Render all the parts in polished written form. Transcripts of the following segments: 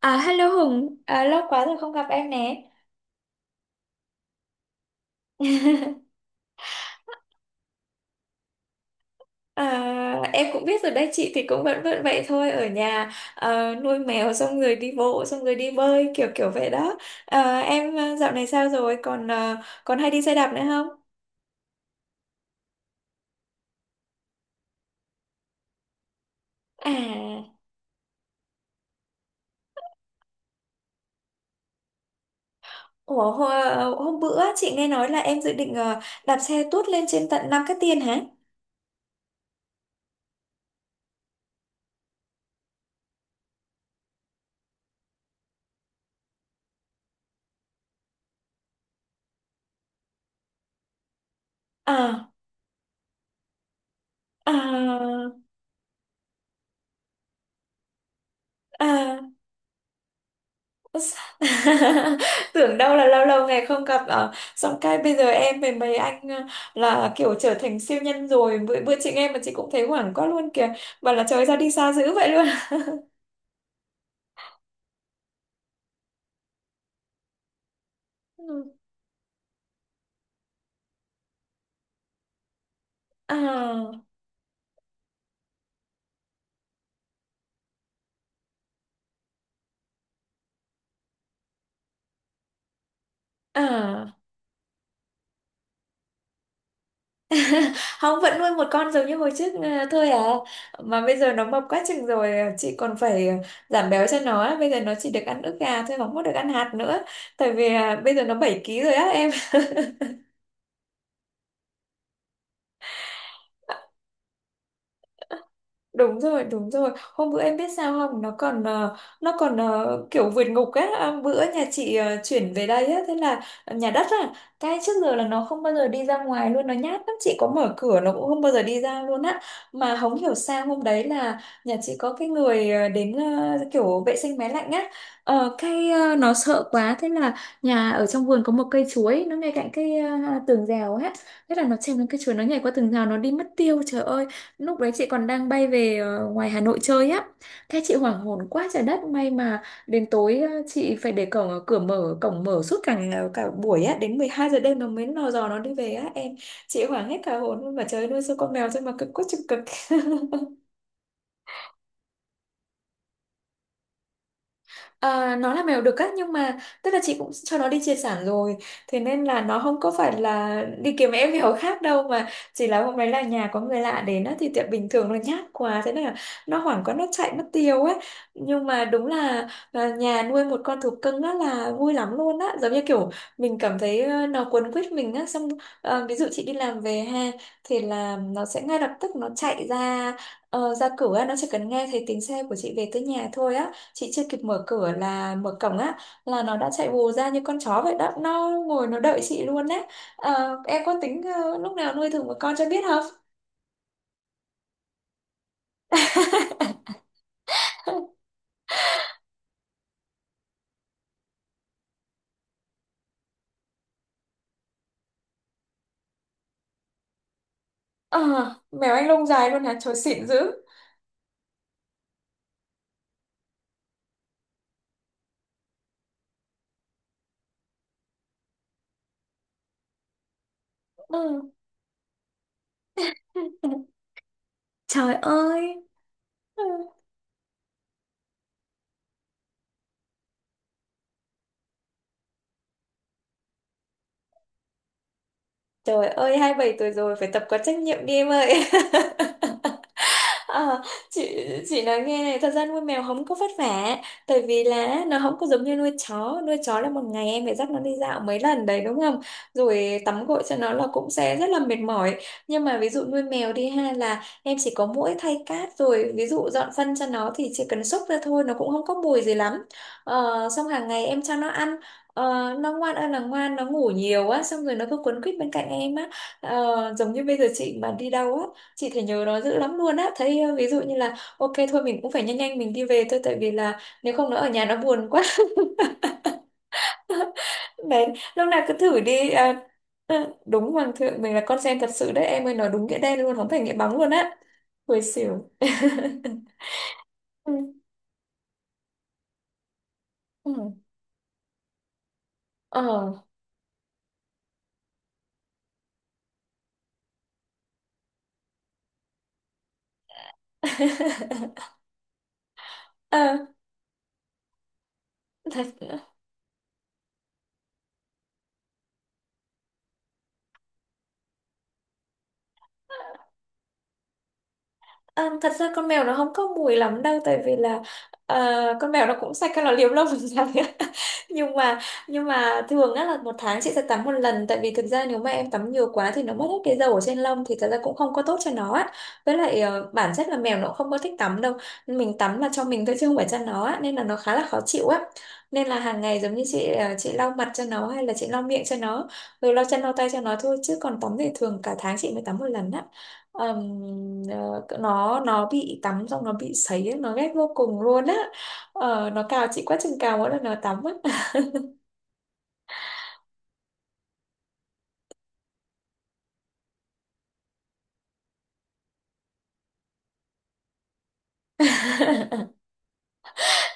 À, hello Hùng, à, lâu quá rồi không gặp em nè. À, em cũng biết rồi đấy, chị thì cũng vẫn vẫn vậy thôi, ở nhà nuôi mèo xong rồi đi bộ, xong rồi đi bơi, kiểu kiểu vậy đó. À, em dạo này sao rồi, còn hay đi xe đạp nữa không? À, ủa, hôm bữa chị nghe nói là em dự định đạp xe tuốt lên trên tận Nam Cát Tiên hả? À, à, à, tưởng đâu là lâu lâu ngày không gặp ở xong cái bây giờ em với mấy anh là kiểu trở thành siêu nhân rồi bữa bữa chị nghe mà chị cũng thấy hoảng quá luôn kìa, bảo là trời ra đi xa dữ vậy luôn. Ừ. À, à. Không, vẫn nuôi một con giống như hồi trước thôi à. Mà bây giờ nó mập quá chừng rồi, chị còn phải giảm béo cho nó á. Bây giờ nó chỉ được ăn ức gà thôi, không có được ăn hạt nữa, tại vì bây giờ nó 7 ký rồi á em. Đúng rồi, đúng rồi, hôm bữa em biết sao không, nó còn kiểu vượt ngục á. À, bữa nhà chị chuyển về đây á, thế là nhà đất á, cái trước giờ là nó không bao giờ đi ra ngoài luôn, nó nhát lắm, chị có mở cửa nó cũng không bao giờ đi ra luôn á. Mà không hiểu sao hôm đấy là nhà chị có cái người đến kiểu vệ sinh máy lạnh á. Ờ, nó sợ quá, thế là nhà ở trong vườn có một cây chuối nó ngay cạnh cái tường rào á, thế là nó trèo lên cây chuối, nó nhảy qua tường rào, nó đi mất tiêu, trời ơi. Lúc đấy chị còn đang bay về ngoài Hà Nội chơi á. Thế chị hoảng hồn quá trời đất, may mà đến tối chị phải để cổng, ờ, cửa mở cổng mở suốt cả buổi á, đến 12 giờ đêm nó mới lò dò nó đi về á em. Chị hoảng hết cả hồn luôn, mà trời ơi, nuôi sao con mèo thôi mà cực quá chừng cực. À, nó là mèo đực á, nhưng mà tức là chị cũng cho nó đi chia sản rồi, thế nên là nó không có phải là đi kiếm em mèo khác đâu, mà chỉ là hôm đấy là nhà có người lạ đến á, thì tiệm bình thường nó nhát quá, thế nên là nó hoảng quá nó chạy mất tiêu ấy. Nhưng mà đúng là nhà nuôi một con thú cưng á là vui lắm luôn á, giống như kiểu mình cảm thấy nó quấn quýt mình á, xong ví dụ chị đi làm về ha, thì là nó sẽ ngay lập tức nó chạy ra ra cửa, nó chỉ cần nghe thấy tiếng xe của chị về tới nhà thôi á, chị chưa kịp mở cửa là mở cổng á, là nó đã chạy vù ra như con chó vậy đó, nó ngồi nó đợi chị luôn đấy. Ờ, em có tính lúc nào nuôi thử một con cho biết không? Ờ, mèo anh lông dài luôn hả, trời, xịn dữ. Ừ. Trời ơi. Ừ. Trời ơi, 27 tuổi rồi, phải tập có trách nhiệm đi em ơi. Ờ, chị chị nói nghe này, thật ra nuôi mèo không có vất vả, tại vì là nó không có giống như nuôi chó. Nuôi chó là một ngày em phải dắt nó đi dạo mấy lần đấy, đúng không, rồi tắm gội cho nó là cũng sẽ rất là mệt mỏi. Nhưng mà ví dụ nuôi mèo đi ha, là em chỉ có mỗi thay cát, rồi ví dụ dọn phân cho nó thì chỉ cần xúc ra thôi, nó cũng không có mùi gì lắm. Xong hàng ngày em cho nó ăn. Ờ, nó ngoan ơi là ngoan, nó ngủ nhiều á, xong rồi nó cứ quấn quýt bên cạnh em á. Giống như bây giờ chị mà đi đâu á, chị thấy nhớ nó dữ lắm luôn á, thấy ví dụ như là, ok thôi, mình cũng phải nhanh nhanh mình đi về thôi, tại vì là nếu không nó ở nhà nó buồn quá. Đấy, lúc nào cứ thử đi. À, ờ, đúng, hoàng thượng, mình là con sen thật sự đấy em ơi, nói đúng nghĩa đen luôn, không phải nghĩa bóng luôn á. Hồi xỉu. Ừ. Ừ. Ờ. Ờ, thật. À, thật ra con mèo nó không có mùi lắm đâu, tại vì là ờ, con mèo nó cũng sạch, cái nó liếm lông làm sao đấy. nhưng mà nhưng mà thường á là một tháng chị sẽ tắm một lần, tại vì thực ra nếu mà em tắm nhiều quá thì nó mất hết cái dầu ở trên lông, thì thật ra cũng không có tốt cho nó á. Với lại bản chất là mèo nó cũng không có thích tắm đâu, mình tắm là cho mình thôi chứ không phải cho nó á, nên là nó khá là khó chịu á. Nên là hàng ngày giống như chị chị lau mặt cho nó, hay là chị lau miệng cho nó, rồi lau chân lau tay cho nó thôi, chứ còn tắm thì thường cả tháng chị mới tắm một lần á. Ờm, ờ, nó bị tắm xong nó bị sấy ấy, nó ghét vô cùng luôn á. Ờ, nó cào chị quá chừng cào, mỗi lần nó tắm á.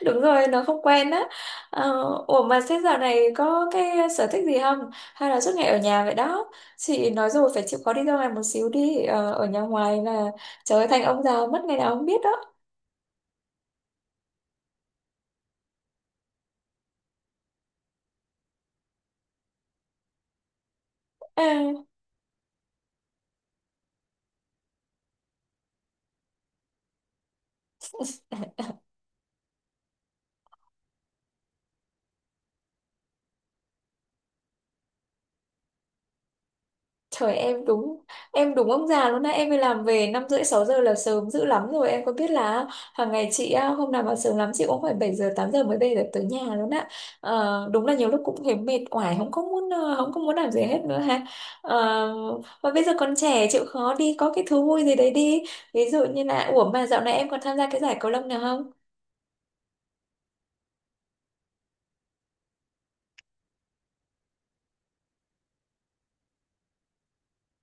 Đúng rồi, nó không quen á. Ờ, ủa mà thế dạo này có cái sở thích gì không, hay là suốt ngày ở nhà vậy đó? Chị nói rồi, phải chịu khó đi ra ngoài một xíu đi. Ờ, ở nhà ngoài là trời ơi, thành ông già mất ngày nào không biết đó. À, trời em đúng. Em đúng ông già luôn á. Em đi làm về 5 rưỡi 6 giờ là sớm dữ lắm rồi. Em có biết là hàng ngày chị á, hôm nào mà sớm lắm chị cũng phải 7 giờ 8 giờ mới về được tới nhà luôn á. Ờ, đúng là nhiều lúc cũng thấy mệt oải, không có muốn làm gì hết nữa ha. Ờ, mà bây giờ còn trẻ chịu khó đi, có cái thú vui gì đấy đi. Ví dụ như là, ủa mà dạo này em còn tham gia cái giải cầu lông nào không?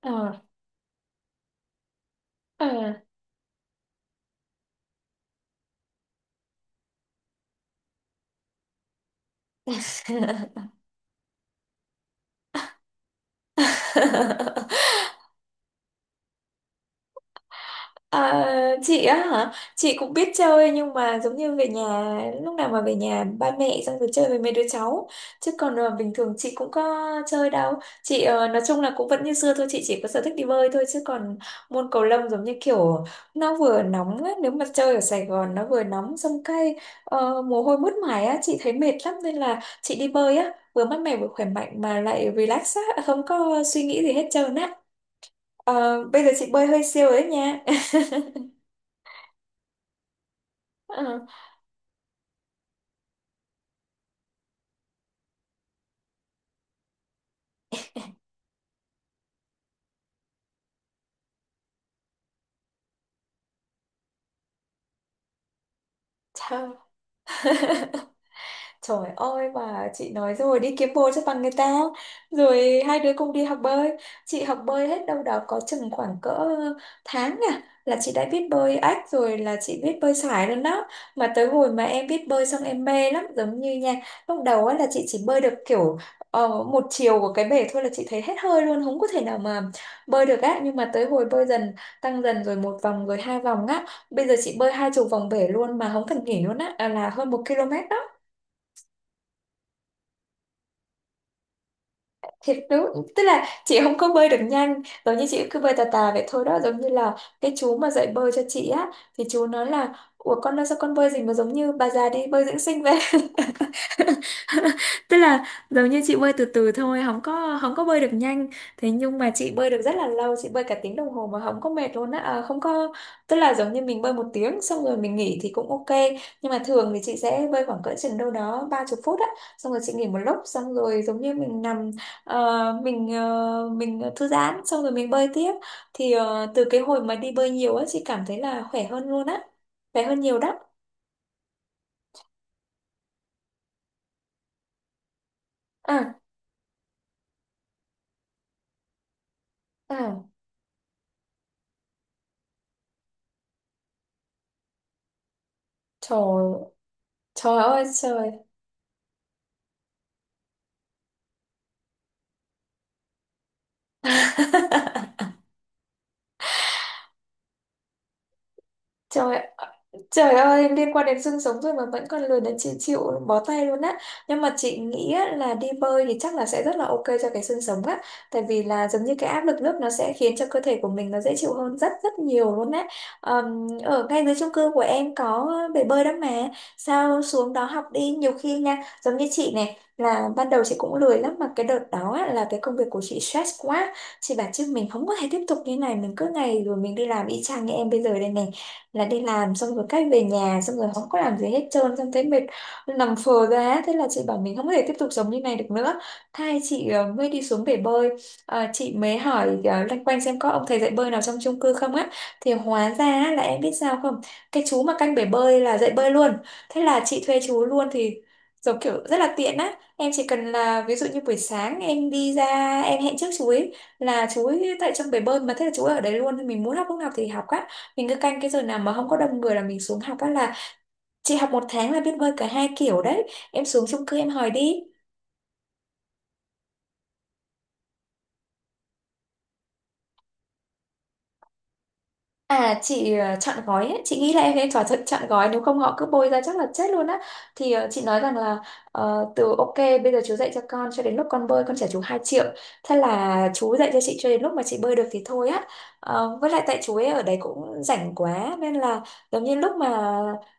Ờ. Ờ. À, chị á hả? Chị cũng biết chơi, nhưng mà giống như về nhà, lúc nào mà về nhà ba mẹ xong rồi chơi với mấy đứa cháu, chứ còn bình thường chị cũng có chơi đâu. Chị nói chung là cũng vẫn như xưa thôi, chị chỉ có sở thích đi bơi thôi, chứ còn môn cầu lông giống như kiểu nó vừa nóng á, nếu mà chơi ở Sài Gòn nó vừa nóng xong cái mồ hôi mướt mải á, chị thấy mệt lắm, nên là chị đi bơi á, vừa mát mẻ vừa khỏe mạnh mà lại relax á, không có suy nghĩ gì hết trơn á. Ờ, bây giờ chị bơi hơi siêu rồi đấy nha. Ờ, chào. Trời ơi, mà chị nói rồi, đi kiếm bồ cho bằng người ta. Rồi hai đứa cùng đi học bơi. Chị học bơi hết đâu đó có chừng khoảng cỡ tháng à. Là chị đã biết bơi ếch rồi, là chị biết bơi sải rồi đó. Mà tới hồi mà em biết bơi xong em mê lắm. Giống như nha, lúc đầu á là chị chỉ bơi được kiểu một chiều của cái bể thôi là chị thấy hết hơi luôn, không có thể nào mà bơi được á. Nhưng mà tới hồi bơi dần, tăng dần rồi một vòng rồi hai vòng á. Bây giờ chị bơi 20 vòng bể luôn mà không cần nghỉ luôn á, là hơn 1 km đó, thiệt đúng. Tức là chị không có bơi được nhanh, giống như chị cứ bơi tà tà vậy thôi đó. Giống như là cái chú mà dạy bơi cho chị á, thì chú nói là ủa con ơi sao con bơi gì mà giống như bà già đi bơi dưỡng sinh vậy. Tức là giống như chị bơi từ từ thôi, không có bơi được nhanh. Thế nhưng mà chị bơi được rất là lâu, chị bơi cả tiếng đồng hồ mà không có mệt luôn á, không có. Tức là giống như mình bơi một tiếng xong rồi mình nghỉ thì cũng ok, nhưng mà thường thì chị sẽ bơi khoảng cỡ chừng đâu đó 30 phút á, xong rồi chị nghỉ một lúc, xong rồi giống như mình nằm, mình thư giãn xong rồi mình bơi tiếp. Thì từ cái hồi mà đi bơi nhiều á, chị cảm thấy là khỏe hơn luôn á, khỏe hơn nhiều đó. à, à, trời. Trời ơi trời. Ừ. Trời ạ, trời ơi, liên quan đến xương sống rồi mà vẫn còn lười, đến chị chịu bó tay luôn á. Nhưng mà chị nghĩ á, là đi bơi thì chắc là sẽ rất là ok cho cái xương sống á. Tại vì là giống như cái áp lực nước nó sẽ khiến cho cơ thể của mình nó dễ chịu hơn rất rất nhiều luôn á. Ở ngay dưới chung cư của em có bể bơi đó mà, sao xuống đó học đi, nhiều khi nha. Giống như chị này là ban đầu chị cũng lười lắm, mà cái đợt đó á, là cái công việc của chị stress quá. Chị bảo chứ mình không có thể tiếp tục như này, mình cứ ngày rồi mình đi làm y chang như em bây giờ đây nè, là đi làm xong rồi cách về nhà xong rồi không có làm gì hết trơn, xong thấy mệt, nằm phờ ra ấy. Thế là chị bảo mình không thể tiếp tục sống như này được nữa. Thay chị mới đi xuống bể bơi. Ờ, chị mới hỏi loanh quanh xem có ông thầy dạy bơi nào trong chung cư không á. Thì hóa ra á, là em biết sao không, cái chú mà canh bể bơi là dạy bơi luôn. Thế là chị thuê chú luôn. Thì giống kiểu rất là tiện á, em chỉ cần là ví dụ như buổi sáng em đi ra em hẹn trước chú ấy là chú ấy tại trong bể bơi mà, thế là chú ấy ở đấy luôn, thì mình muốn học lúc nào thì học á. Mình cứ canh cái giờ nào mà không có đông người là mình xuống học á, là chị học 1 tháng là biết bơi cả hai kiểu đấy. Em xuống chung cư em hỏi đi. À chị chọn gói ấy. Chị nghĩ là em nên thỏa thuận chọn gói, nếu không họ cứ bôi ra chắc là chết luôn á. Thì chị nói rằng là từ ok bây giờ chú dạy cho con, cho đến lúc con bơi con trả chú 2 triệu. Thế là chú dạy cho chị cho đến lúc mà chị bơi được thì thôi á. Ờ, với lại tại chú ấy ở đấy cũng rảnh quá nên là giống như lúc mà,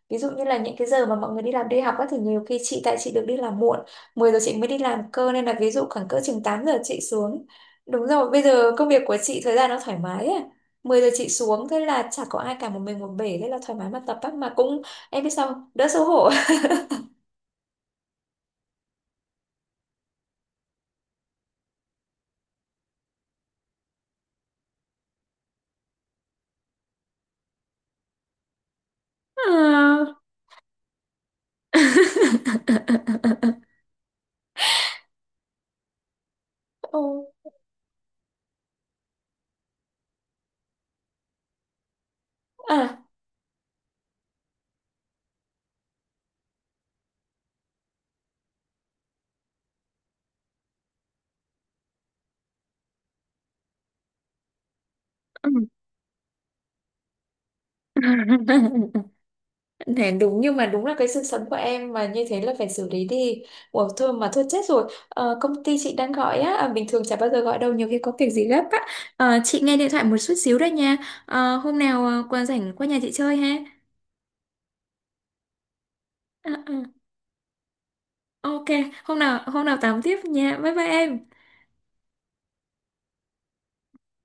ví dụ như là những cái giờ mà mọi người đi làm đi học á, thì nhiều khi chị tại chị được đi làm muộn, 10 giờ chị mới đi làm cơ, nên là ví dụ khoảng cỡ chừng 8 giờ chị xuống. Đúng rồi, bây giờ công việc của chị thời gian nó thoải mái á. 10 giờ chị xuống, thế là chả có ai cả, một mình một bể, thế là thoải mái mà tập á. Mà cũng, em biết sao không, đỡ xấu hổ. À. Ồ, à. Thế đúng, nhưng mà đúng là cái sự sống của em mà như thế là phải xử lý đi. Ủa thôi mà thôi chết rồi. Ờ, công ty chị đang gọi á, à, bình thường chả bao giờ gọi đâu, nhiều khi có việc gì gấp á. Ờ, chị nghe điện thoại một chút xíu đấy nha. Ờ, hôm nào qua rảnh qua nhà chị chơi ha. Ờ, ờ. Ok, hôm nào tám tiếp nha. Bye bye em.